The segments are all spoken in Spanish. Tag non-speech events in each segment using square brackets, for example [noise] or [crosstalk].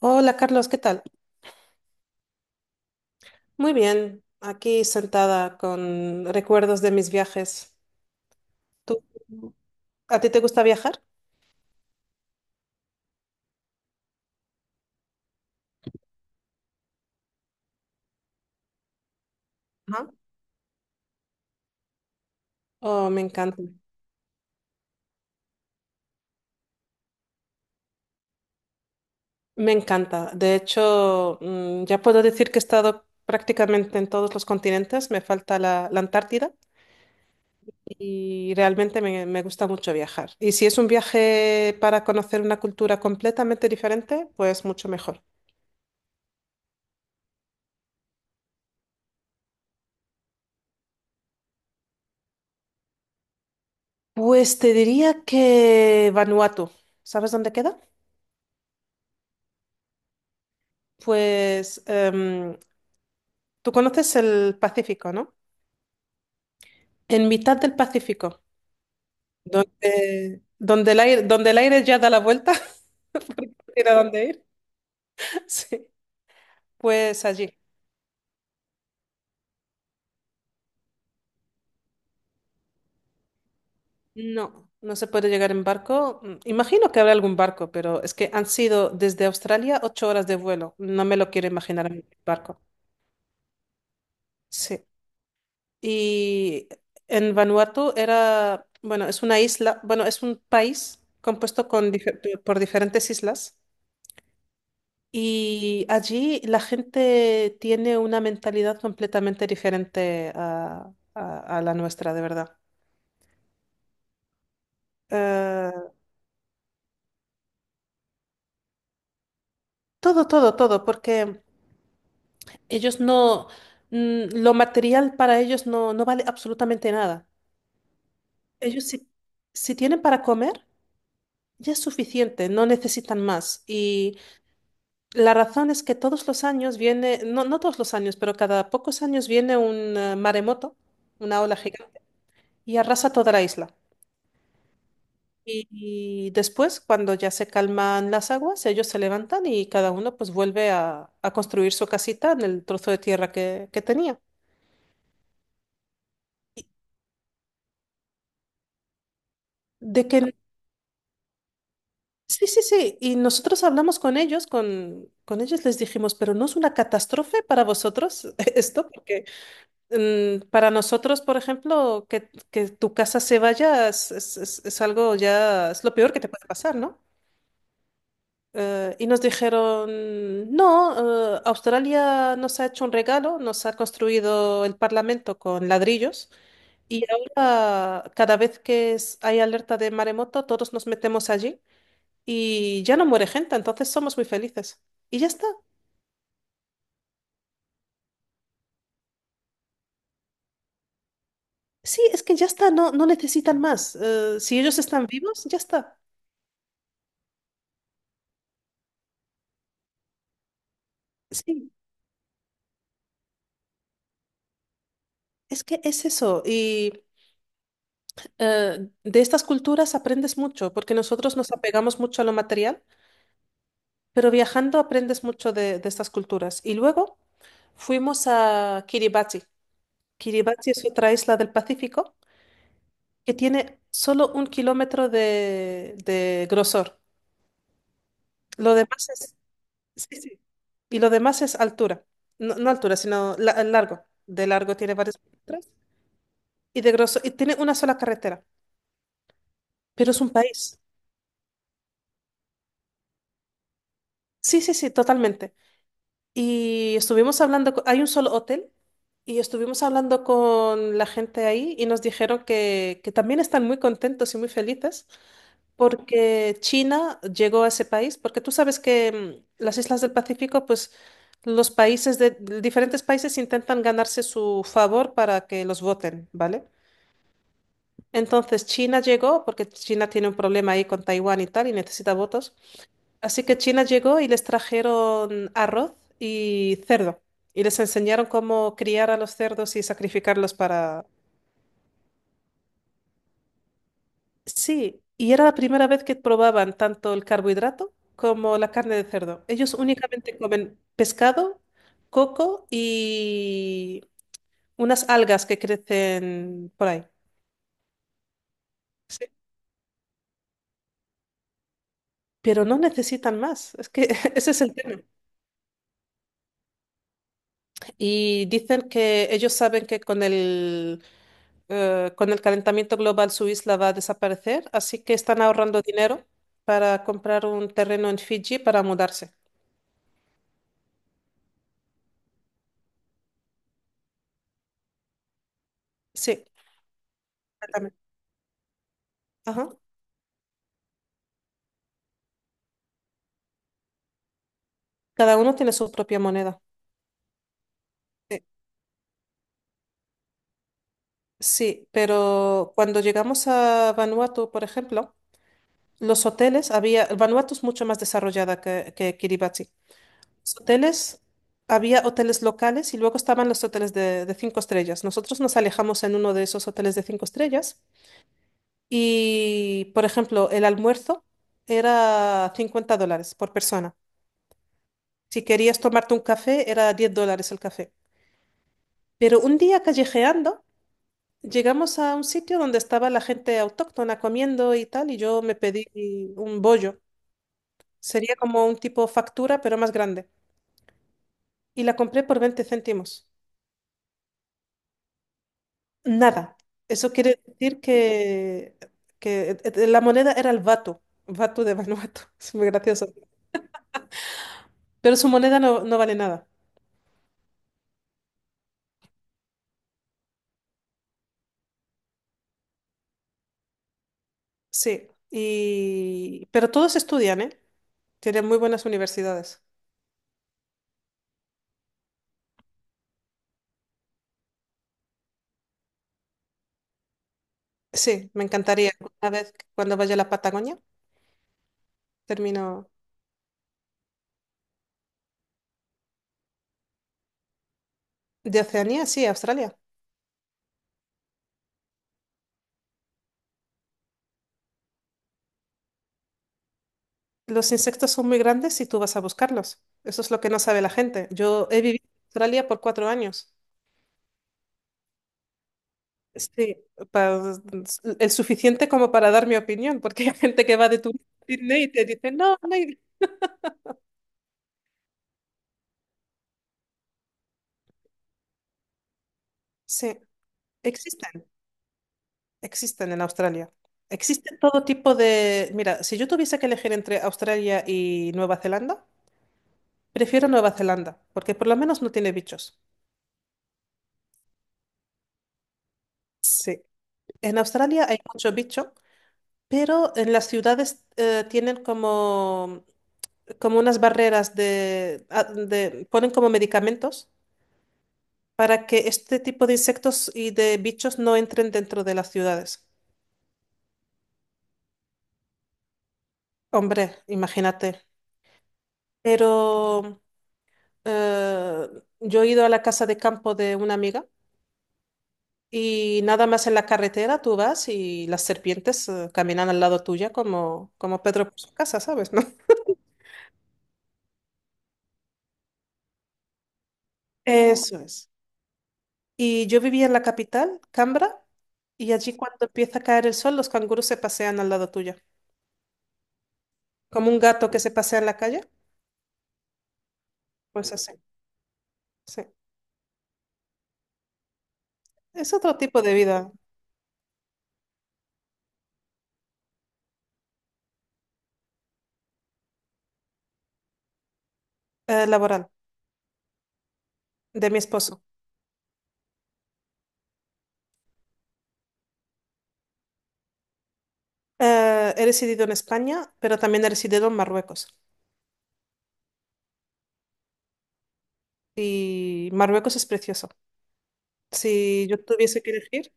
Hola Carlos, ¿qué tal? Muy bien, aquí sentada con recuerdos de mis viajes. ¿Tú, ¿A ti te gusta viajar? Ajá. Oh, me encanta. Me encanta. De hecho, ya puedo decir que he estado prácticamente en todos los continentes. Me falta la Antártida y realmente me gusta mucho viajar. Y si es un viaje para conocer una cultura completamente diferente, pues mucho mejor. Pues te diría que Vanuatu. ¿Sabes dónde queda? Pues tú conoces el Pacífico, ¿no? En mitad del Pacífico, donde el aire ya da la vuelta, [laughs] porque no tiene a dónde ir. Sí, pues allí. No, no se puede llegar en barco. Imagino que habrá algún barco, pero es que han sido desde Australia 8 horas de vuelo. No me lo quiero imaginar en un barco. Sí. Y en Vanuatu era, bueno, es una isla, bueno, es un país compuesto por diferentes islas. Y allí la gente tiene una mentalidad completamente diferente a la nuestra, de verdad. Eh, Todo, todo, todo, porque ellos no, mm, lo material para ellos no vale absolutamente nada. Ellos si tienen para comer, ya es suficiente, no necesitan más. Y la razón es que todos los años viene, no, no todos los años, pero cada pocos años viene un maremoto, una ola gigante, y arrasa toda la isla. Y después, cuando ya se calman las aguas, ellos se levantan y cada uno pues vuelve a construir su casita en el trozo de tierra que tenía. De que, sí, sí, sí, y nosotros hablamos con ellos, con ellos les dijimos, pero no es una catástrofe para vosotros [laughs] esto, porque para nosotros, por ejemplo, que tu casa se vaya es algo ya, es lo peor que te puede pasar, ¿no? Y nos dijeron, no, Australia nos ha hecho un regalo, nos ha construido el Parlamento con ladrillos y ahora cada vez que hay alerta de maremoto, todos nos metemos allí y ya no muere gente, entonces somos muy felices. Y ya está. Sí, es que ya está, no, no necesitan más. Si ellos están vivos, ya está. Sí, es que es eso. Y de estas culturas aprendes mucho, porque nosotros nos apegamos mucho a lo material. Pero viajando aprendes mucho de estas culturas. Y luego fuimos a Kiribati. Kiribati es otra isla del Pacífico que tiene solo 1 kilómetro de grosor. Lo demás es. Sí, sí. Y lo demás es altura. No, no altura, sino largo. De largo tiene varios kilómetros y de grosor. Y tiene una sola carretera. Pero es un país. Sí, sí, sí, totalmente. Y estuvimos hablando, hay un solo hotel, y estuvimos hablando con la gente ahí y nos dijeron que también están muy contentos y muy felices porque China llegó a ese país, porque tú sabes que las islas del Pacífico, pues los países de diferentes países intentan ganarse su favor para que los voten, ¿vale? Entonces China llegó porque China tiene un problema ahí con Taiwán y tal y necesita votos. Así que China llegó y les trajeron arroz y cerdo. Y les enseñaron cómo criar a los cerdos y sacrificarlos para. Sí, y era la primera vez que probaban tanto el carbohidrato como la carne de cerdo. Ellos únicamente comen pescado, coco y unas algas que crecen por ahí. Sí. Pero no necesitan más. Es que [laughs] ese es el tema. Y dicen que ellos saben que con el calentamiento global su isla va a desaparecer, así que están ahorrando dinero para comprar un terreno en Fiji para mudarse. Sí, completamente. Ajá. Cada uno tiene su propia moneda. Sí, sí, pero cuando llegamos a Vanuatu, por ejemplo, los hoteles había, Vanuatu es mucho más desarrollada que Kiribati. Los hoteles, había hoteles locales y luego estaban los hoteles de cinco estrellas. Nosotros nos alejamos en uno de esos hoteles de cinco estrellas. Y, por ejemplo, el almuerzo era $50 por persona. Si querías tomarte un café, era $10 el café. Pero un día callejeando, llegamos a un sitio donde estaba la gente autóctona comiendo y tal, y yo me pedí un bollo. Sería como un tipo factura, pero más grande. Y la compré por 20 céntimos. Nada. Eso quiere decir que la moneda era el vato, vato de Vanuatu. [laughs] Es muy gracioso. Pero su moneda no, no vale nada. Sí, pero todos estudian, ¿eh? Tienen muy buenas universidades. Sí, me encantaría. Una vez cuando vaya a la Patagonia, termino. De Oceanía, sí, Australia. Los insectos son muy grandes y tú vas a buscarlos. Eso es lo que no sabe la gente. Yo he vivido en Australia por 4 años. Sí, pa- el suficiente como para dar mi opinión, porque [laughs] hay gente que va de turista a Sydney y te dice, no, no hay-". Sí, existen. Existen en Australia. Existen todo tipo de. Mira, si yo tuviese que elegir entre Australia y Nueva Zelanda, prefiero Nueva Zelanda, porque por lo menos no tiene bichos. Sí. En Australia hay mucho bicho, pero en las ciudades tienen como unas barreras ponen como medicamentos para que este tipo de insectos y de bichos no entren dentro de las ciudades. Hombre, imagínate. Pero. Eh, yo he ido a la casa de campo de una amiga y nada más en la carretera tú vas y las serpientes caminan al lado tuya como Pedro por su casa, ¿sabes? ¿No? [laughs] Eso es. Y yo vivía en la capital, Canberra, y allí cuando empieza a caer el sol, los canguros se pasean al lado tuyo. Como un gato que se pasea en la calle, pues así, sí. Es otro tipo de vida. Laboral de mi esposo. He residido en España, pero también he residido en Marruecos. Y Marruecos es precioso. Si yo tuviese que elegir,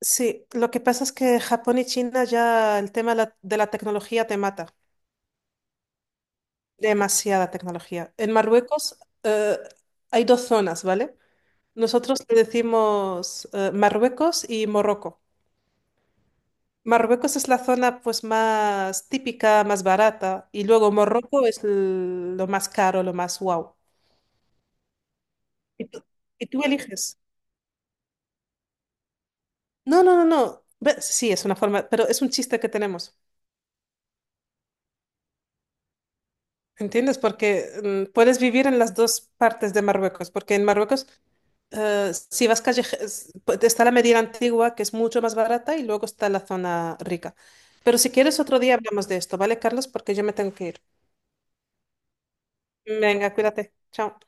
sí, lo que pasa es que Japón y China ya el tema de la tecnología te mata, demasiada tecnología. En Marruecos eh, hay dos zonas, ¿vale? Nosotros le decimos Marruecos y Morroco. Marruecos es la zona pues más típica, más barata, y luego Morroco es lo más caro, lo más wow. Y tú, y tú eliges. No, no, no, no. Sí, es una forma, pero es un chiste que tenemos. ¿Entiendes? Porque puedes vivir en las dos partes de Marruecos, porque en Marruecos, si vas calle, está la Medina Antigua, que es mucho más barata, y luego está la zona rica. Pero si quieres, otro día hablamos de esto, ¿vale, Carlos? Porque yo me tengo que ir. Venga, cuídate. Chao.